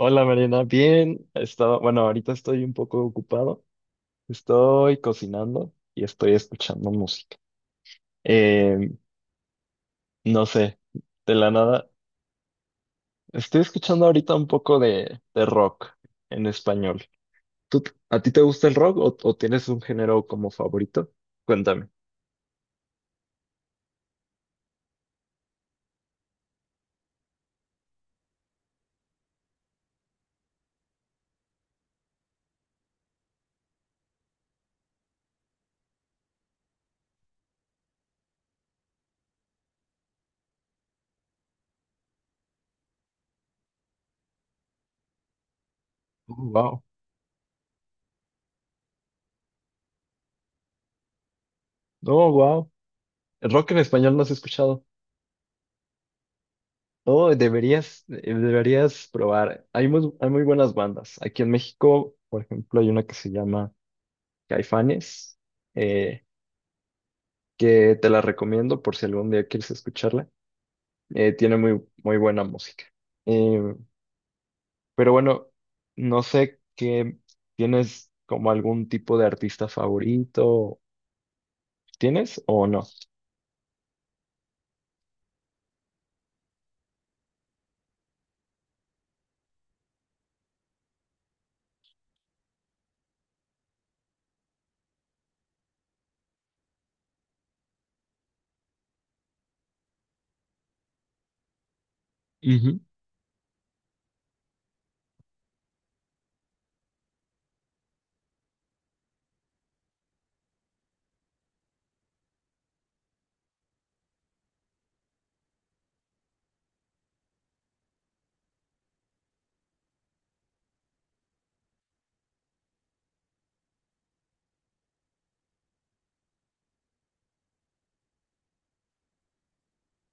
Hola Mariana, bien. Estaba, bueno, ahorita estoy un poco ocupado. Estoy cocinando y estoy escuchando música. Eh, no sé, de la nada. Estoy escuchando ahorita un poco de rock en español. ¿Tú, a ti te gusta el rock o tienes un género como favorito? Cuéntame. Wow. Oh, wow. El rock en español no has escuchado. Oh, deberías, deberías probar. Hay muy buenas bandas. Aquí en México, por ejemplo, hay una que se llama Caifanes, eh, que te la recomiendo por si algún día quieres escucharla. Tiene muy buena música. Eh, pero bueno, no sé qué tienes como algún tipo de artista favorito, ¿tienes o no? Ujú.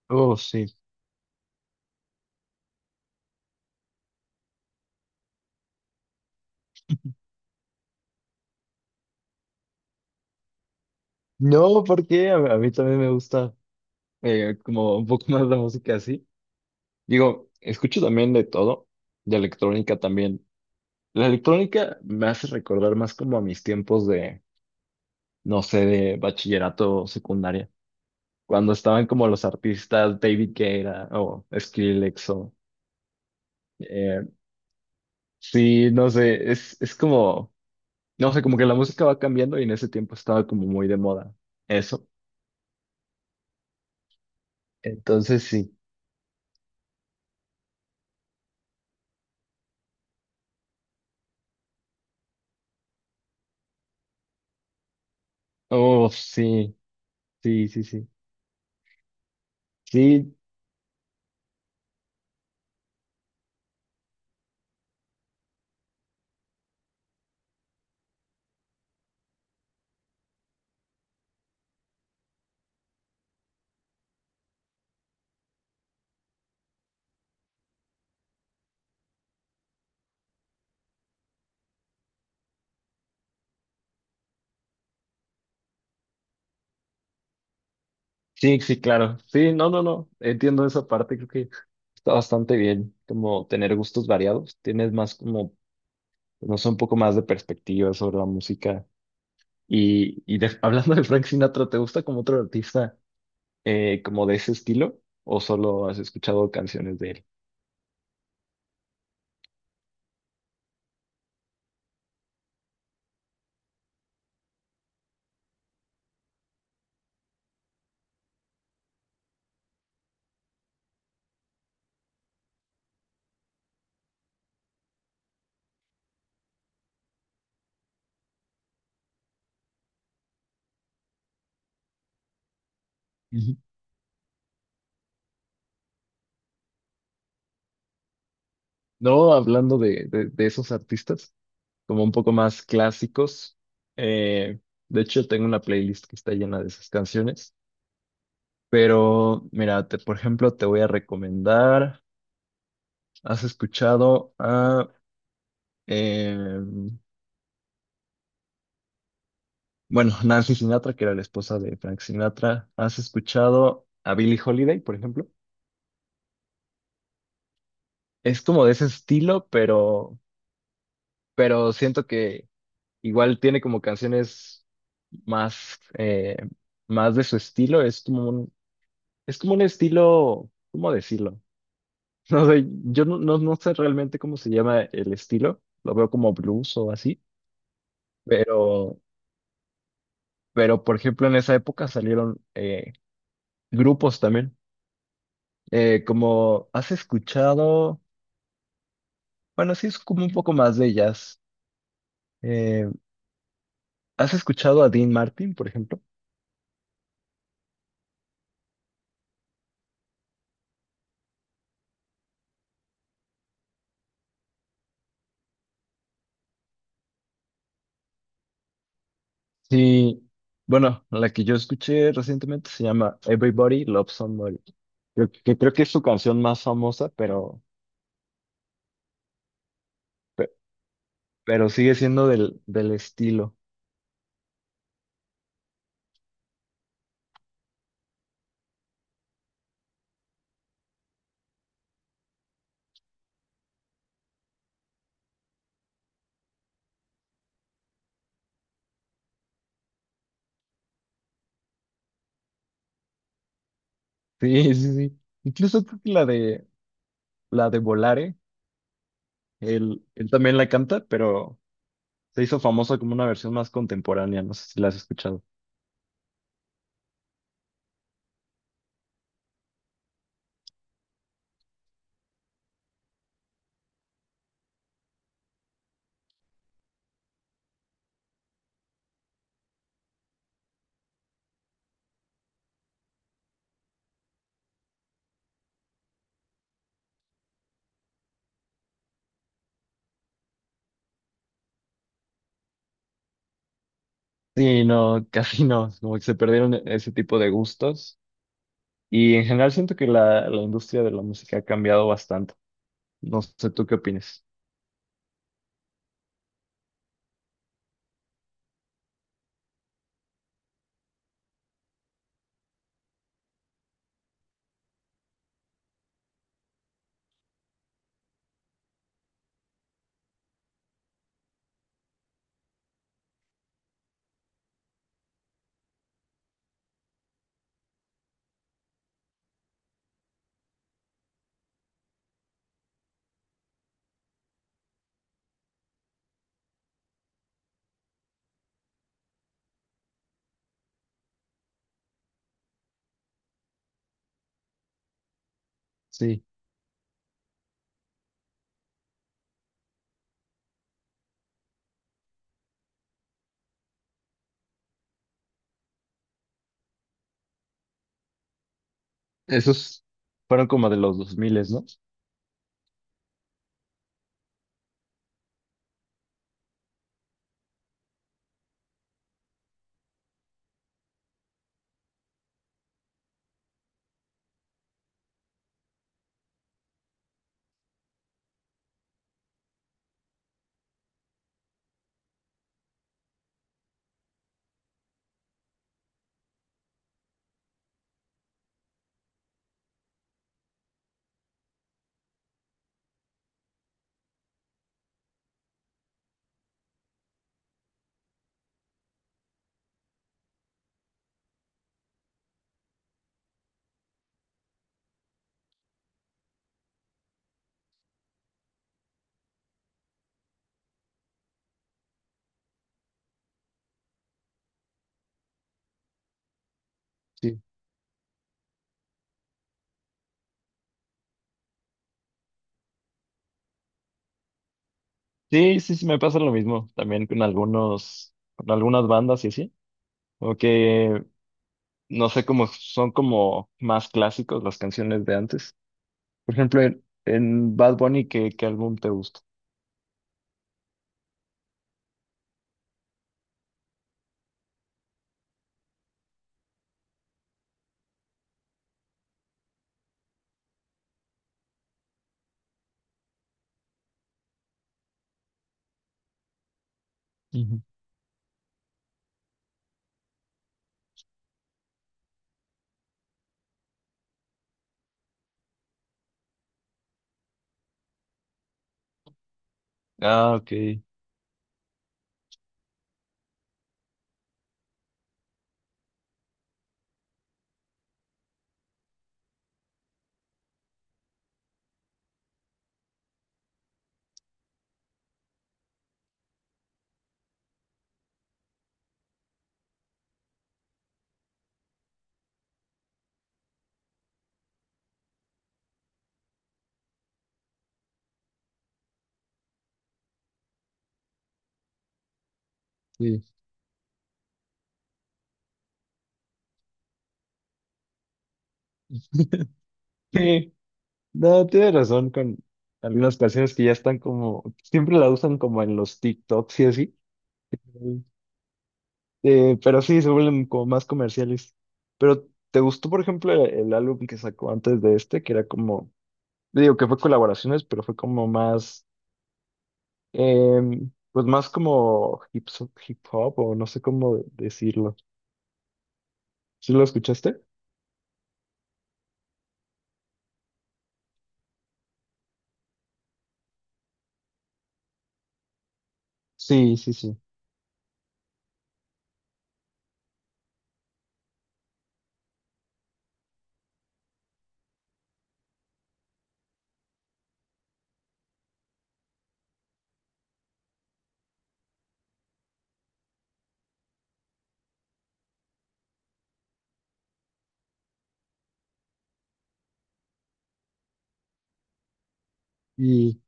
Oh, sí. No, porque a mí también me gusta como un poco más la música así. Digo, escucho también de todo, de electrónica también. La electrónica me hace recordar más como a mis tiempos de no sé, de bachillerato o secundaria. Cuando estaban como los artistas David Guetta o Skrillex o... eh, sí, no sé, es como... No sé, como que la música va cambiando y en ese tiempo estaba como muy de moda eso. Entonces sí. Oh, sí, sí, sí, sí. Sí, sí, sí, claro. Sí, no, no, no. Entiendo esa parte. Creo que está bastante bien como tener gustos variados. Tienes más como, no sé, un poco más de perspectiva sobre la música. Y hablando de Frank Sinatra, ¿te gusta como otro artista como de ese estilo? ¿O solo has escuchado canciones de él? Ujú. No, hablando de esos artistas, como un poco más clásicos. eh, de hecho, tengo una playlist que está llena de esas canciones. Pero, mira, por ejemplo, te voy a recomendar, has escuchado a, eh, bueno, Nancy Sinatra, que era la esposa de Frank Sinatra. ¿Has escuchado a Billie Holiday, por ejemplo? Es como de ese estilo, pero siento que igual tiene como canciones más, más de su estilo. Es como un estilo, ¿cómo decirlo? No sé, yo no, no, no sé realmente cómo se llama el estilo. Lo veo como blues o así. Pero, pero por ejemplo, en esa época salieron grupos también. Como has escuchado, bueno, sí es como un poco más de jazz. Eh, ¿Has escuchado a Dean Martin, por ejemplo? Sí, bueno, la que yo escuché recientemente se llama Everybody Loves Somebody. Creo que es su canción más famosa, pero, pe- pero sigue siendo del estilo. Sí, sí, sí. Incluso creo que la de Volare, él también la canta, pero se hizo famosa como una versión más contemporánea. No sé si la has escuchado. Sí, no, casi no. Como que se perdieron ese tipo de gustos. Y en general siento que la industria de la música ha cambiado bastante. No sé, ¿tú qué opinas? Sí. Esos fueron como de los 2000, ¿no? Sí. Sí, sí, sí, me pasa lo mismo también con algunos, con algunas bandas y así. Como que, no sé, cómo son como más clásicos las canciones de antes. Por ejemplo, en Bad Bunny, ¿qué, qué álbum te gusta? Ujú, ah, ok. Sí. Sí, no, tienes razón con algunas canciones que ya están como, siempre la usan como en los TikToks y así. Pero sí, se vuelven como más comerciales. Pero, ¿te gustó, por ejemplo, el álbum que sacó antes de este? Que era como, digo que fue colaboraciones, pero fue como más, pues más como hip hop o no sé cómo decirlo. ¿Sí lo escuchaste? Sí, sí, sí. Y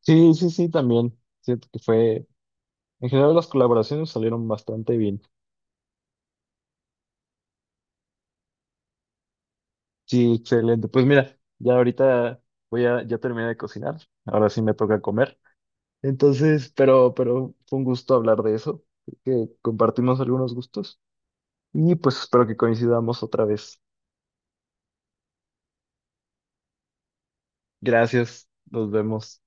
sí, sí, sí, también. Siento que fue, en general las colaboraciones salieron bastante bien. Sí, excelente. Pues mira, ya ahorita ya terminé de cocinar. Ahora sí me toca comer. Entonces, pero fue un gusto hablar de eso, que compartimos algunos gustos y pues espero que coincidamos otra vez. Gracias, nos vemos.